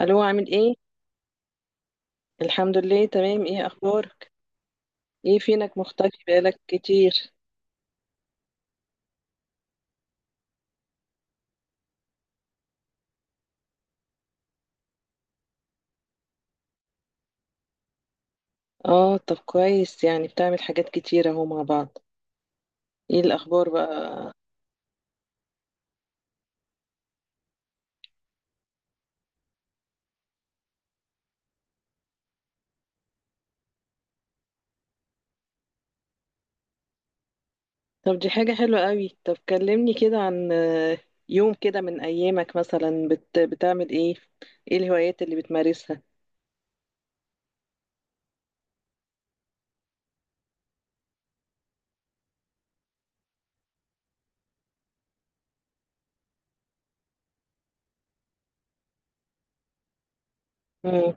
الو، عامل ايه؟ الحمد لله، تمام. ايه اخبارك؟ ايه، فينك مختفي بقالك كتير؟ اه، طب كويس، يعني بتعمل حاجات كتير اهو مع بعض. ايه الاخبار بقى؟ طب دي حاجة حلوة قوي. طب كلمني كده عن يوم كده من ايامك مثلا بتعمل ايه؟ ايه الهوايات اللي بتمارسها؟ مم.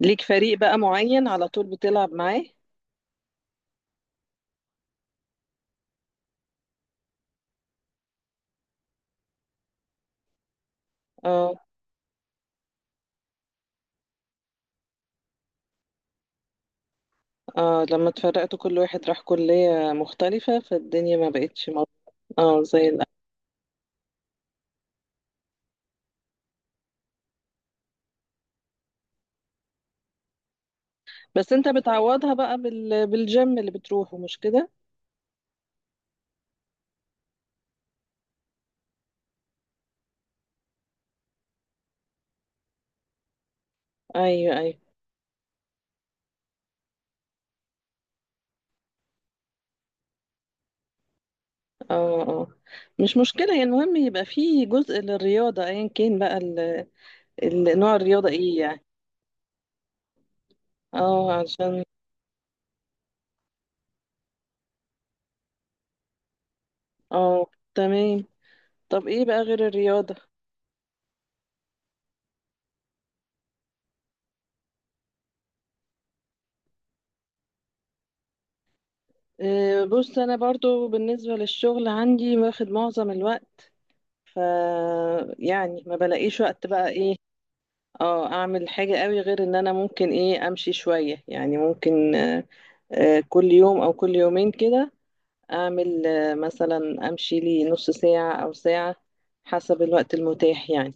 ليك فريق بقى معين على طول بتلعب معاه؟ اه، اه، لما اتفرقتوا كل واحد راح كلية مختلفة فالدنيا ما بقتش مظبوطة. اه، زي الأول. بس انت بتعوضها بقى بالجيم اللي بتروحه، مش كده؟ ايوه، ايوه. اه، اه، مش مشكله، يعني المهم يبقى في جزء للرياضه، ايا كان بقى نوع الرياضه ايه يعني. اه، عشان. اه، تمام. طب ايه بقى غير الرياضه؟ بص، انا برضو بالنسبه للشغل عندي واخد معظم الوقت. ف يعني ما بلاقيش وقت بقى ايه، اه اعمل حاجه قوي غير ان انا ممكن ايه امشي شويه، يعني ممكن كل يوم او كل يومين كده اعمل مثلا امشي لي نص ساعة او ساعة، حسب الوقت المتاح يعني.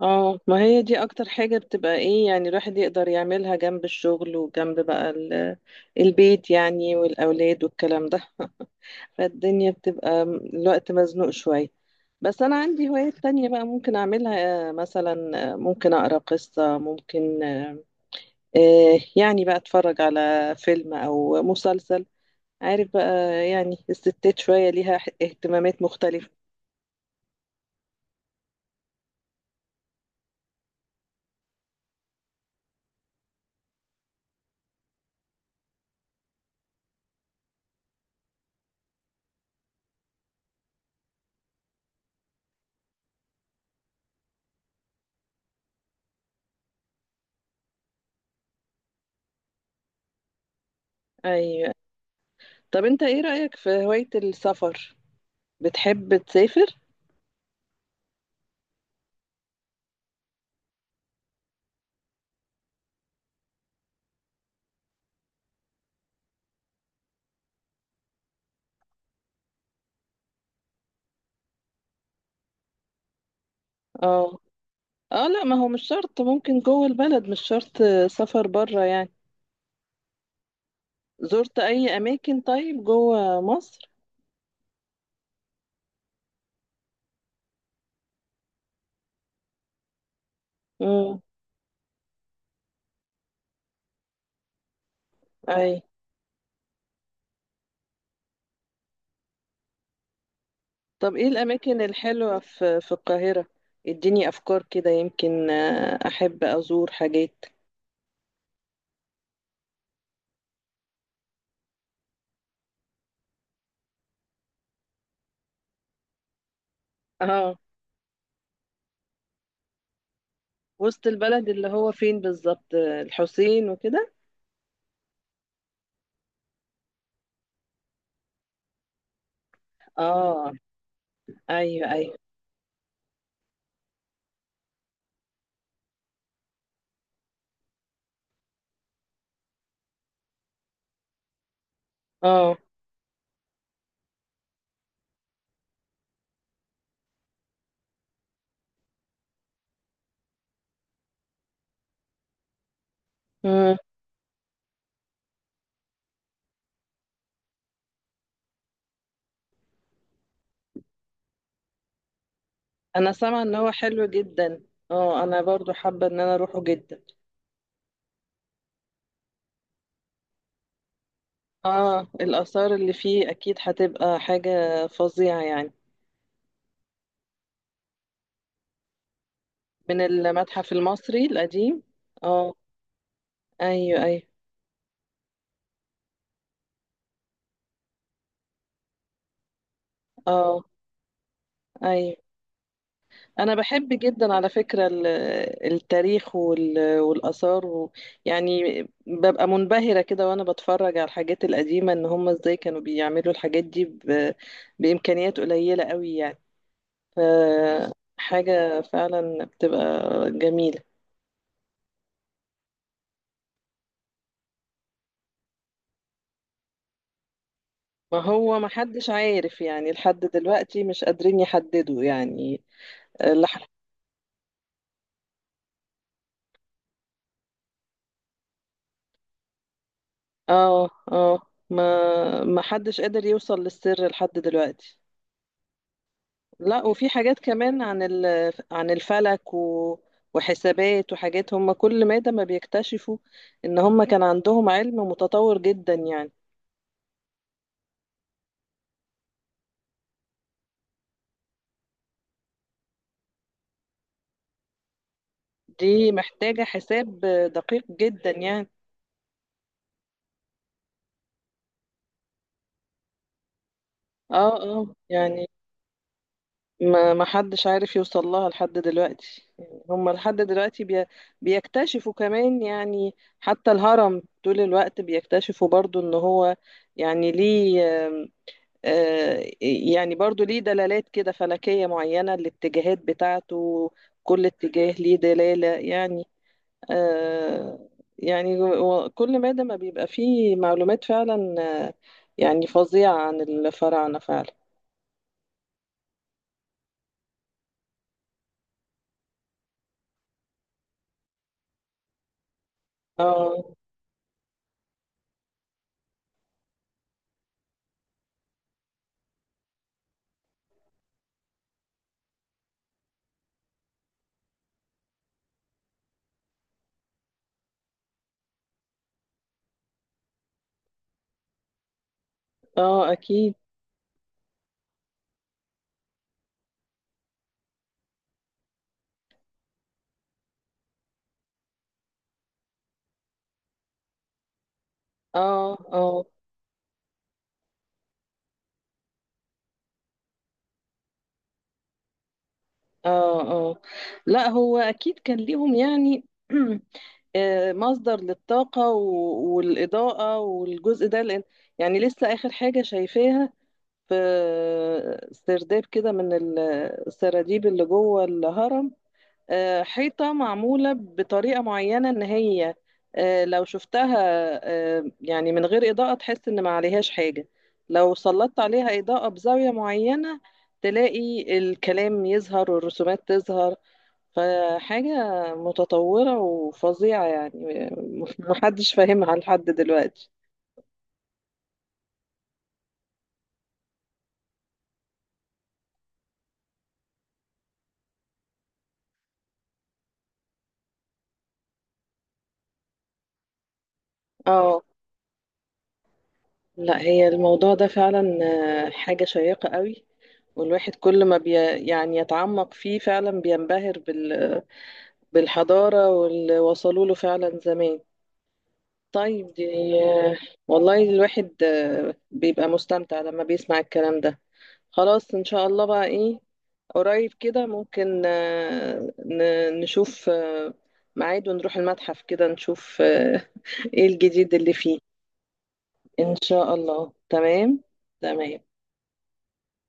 اه، ما هي دي اكتر حاجة بتبقى ايه، يعني الواحد يقدر يعملها جنب الشغل وجنب بقى البيت، يعني والاولاد والكلام ده. فالدنيا بتبقى الوقت مزنوق شوية. بس انا عندي هوايات تانية بقى ممكن اعملها، مثلا ممكن اقرا قصة، ممكن يعني بقى اتفرج على فيلم او مسلسل، عارف بقى. يعني الستات شوية ليها اهتمامات مختلفة. أيوة. طب أنت إيه رأيك في هواية السفر؟ بتحب تسافر؟ اه، اه، لا، ما هو مش شرط، ممكن جوه البلد، مش شرط سفر بره يعني. زرت أي أماكن طيب جوه مصر؟ امم. أي. طب إيه الأماكن الحلوة في القاهرة؟ اديني أفكار كده، يمكن أحب أزور حاجات. اه، وسط البلد اللي هو فين بالظبط، الحسين وكده؟ اه، ايوه، ايوه. اه، مم. انا سامعه ان هو حلو جدا. اه، انا برضو حابه ان انا اروحه جدا. اه، الاثار اللي فيه اكيد هتبقى حاجه فظيعه يعني. من المتحف المصري القديم. اه، ايوه، ايوه. اه، ايوه. انا بحب جدا على فكره التاريخ والاثار يعني ببقى منبهره كده وانا بتفرج على الحاجات القديمه، ان هم ازاي كانوا بيعملوا الحاجات دي بامكانيات قليله قوي يعني. فحاجة فعلا بتبقى جميلة. ما هو ما حدش عارف يعني لحد دلوقتي، مش قادرين يحددوا يعني. لح... اه، اه، ما ما حدش قادر يوصل للسر لحد دلوقتي. لا، وفي حاجات كمان عن عن الفلك وحسابات وحاجات، هم كل مادة ما بيكتشفوا ان هم كان عندهم علم متطور جدا يعني. دي محتاجة حساب دقيق جدا يعني. اه، اه، يعني ما حدش عارف يوصل لها لحد دلوقتي، يعني هم لحد دلوقتي بيكتشفوا كمان. يعني حتى الهرم طول الوقت بيكتشفوا برضو ان هو يعني ليه يعني برضو ليه دلالات كده فلكية معينة، الاتجاهات بتاعته كل اتجاه ليه دلالة يعني. آه، يعني كل مادة ما بيبقى فيه معلومات فعلا، آه، يعني فظيعة عن الفراعنة فعلا. اه، اه، اكيد. اه، اه، اه، اه، لا هو اكيد كان ليهم يعني. مصدر للطاقة والإضاءة والجزء ده، لأن يعني لسه آخر حاجة شايفاها في سرداب كده من السراديب اللي جوه الهرم. حيطة معمولة بطريقة معينة، إن هي لو شفتها يعني من غير إضاءة تحس إن ما عليهاش حاجة، لو سلطت عليها إضاءة بزاوية معينة تلاقي الكلام يظهر والرسومات تظهر. فحاجة متطورة وفظيعة يعني. محدش فاهمها لحد دلوقتي. اه، لا هي الموضوع ده فعلا حاجة شيقة قوي. والواحد كل ما يعني يتعمق فيه فعلا بينبهر بالحضارة واللي وصلوا له فعلا زمان. طيب دي، والله الواحد بيبقى مستمتع لما بيسمع الكلام ده. خلاص، إن شاء الله بقى إيه، قريب كده ممكن نشوف ميعاد ونروح المتحف كده، نشوف إيه الجديد اللي فيه. إن شاء الله، تمام. تمام.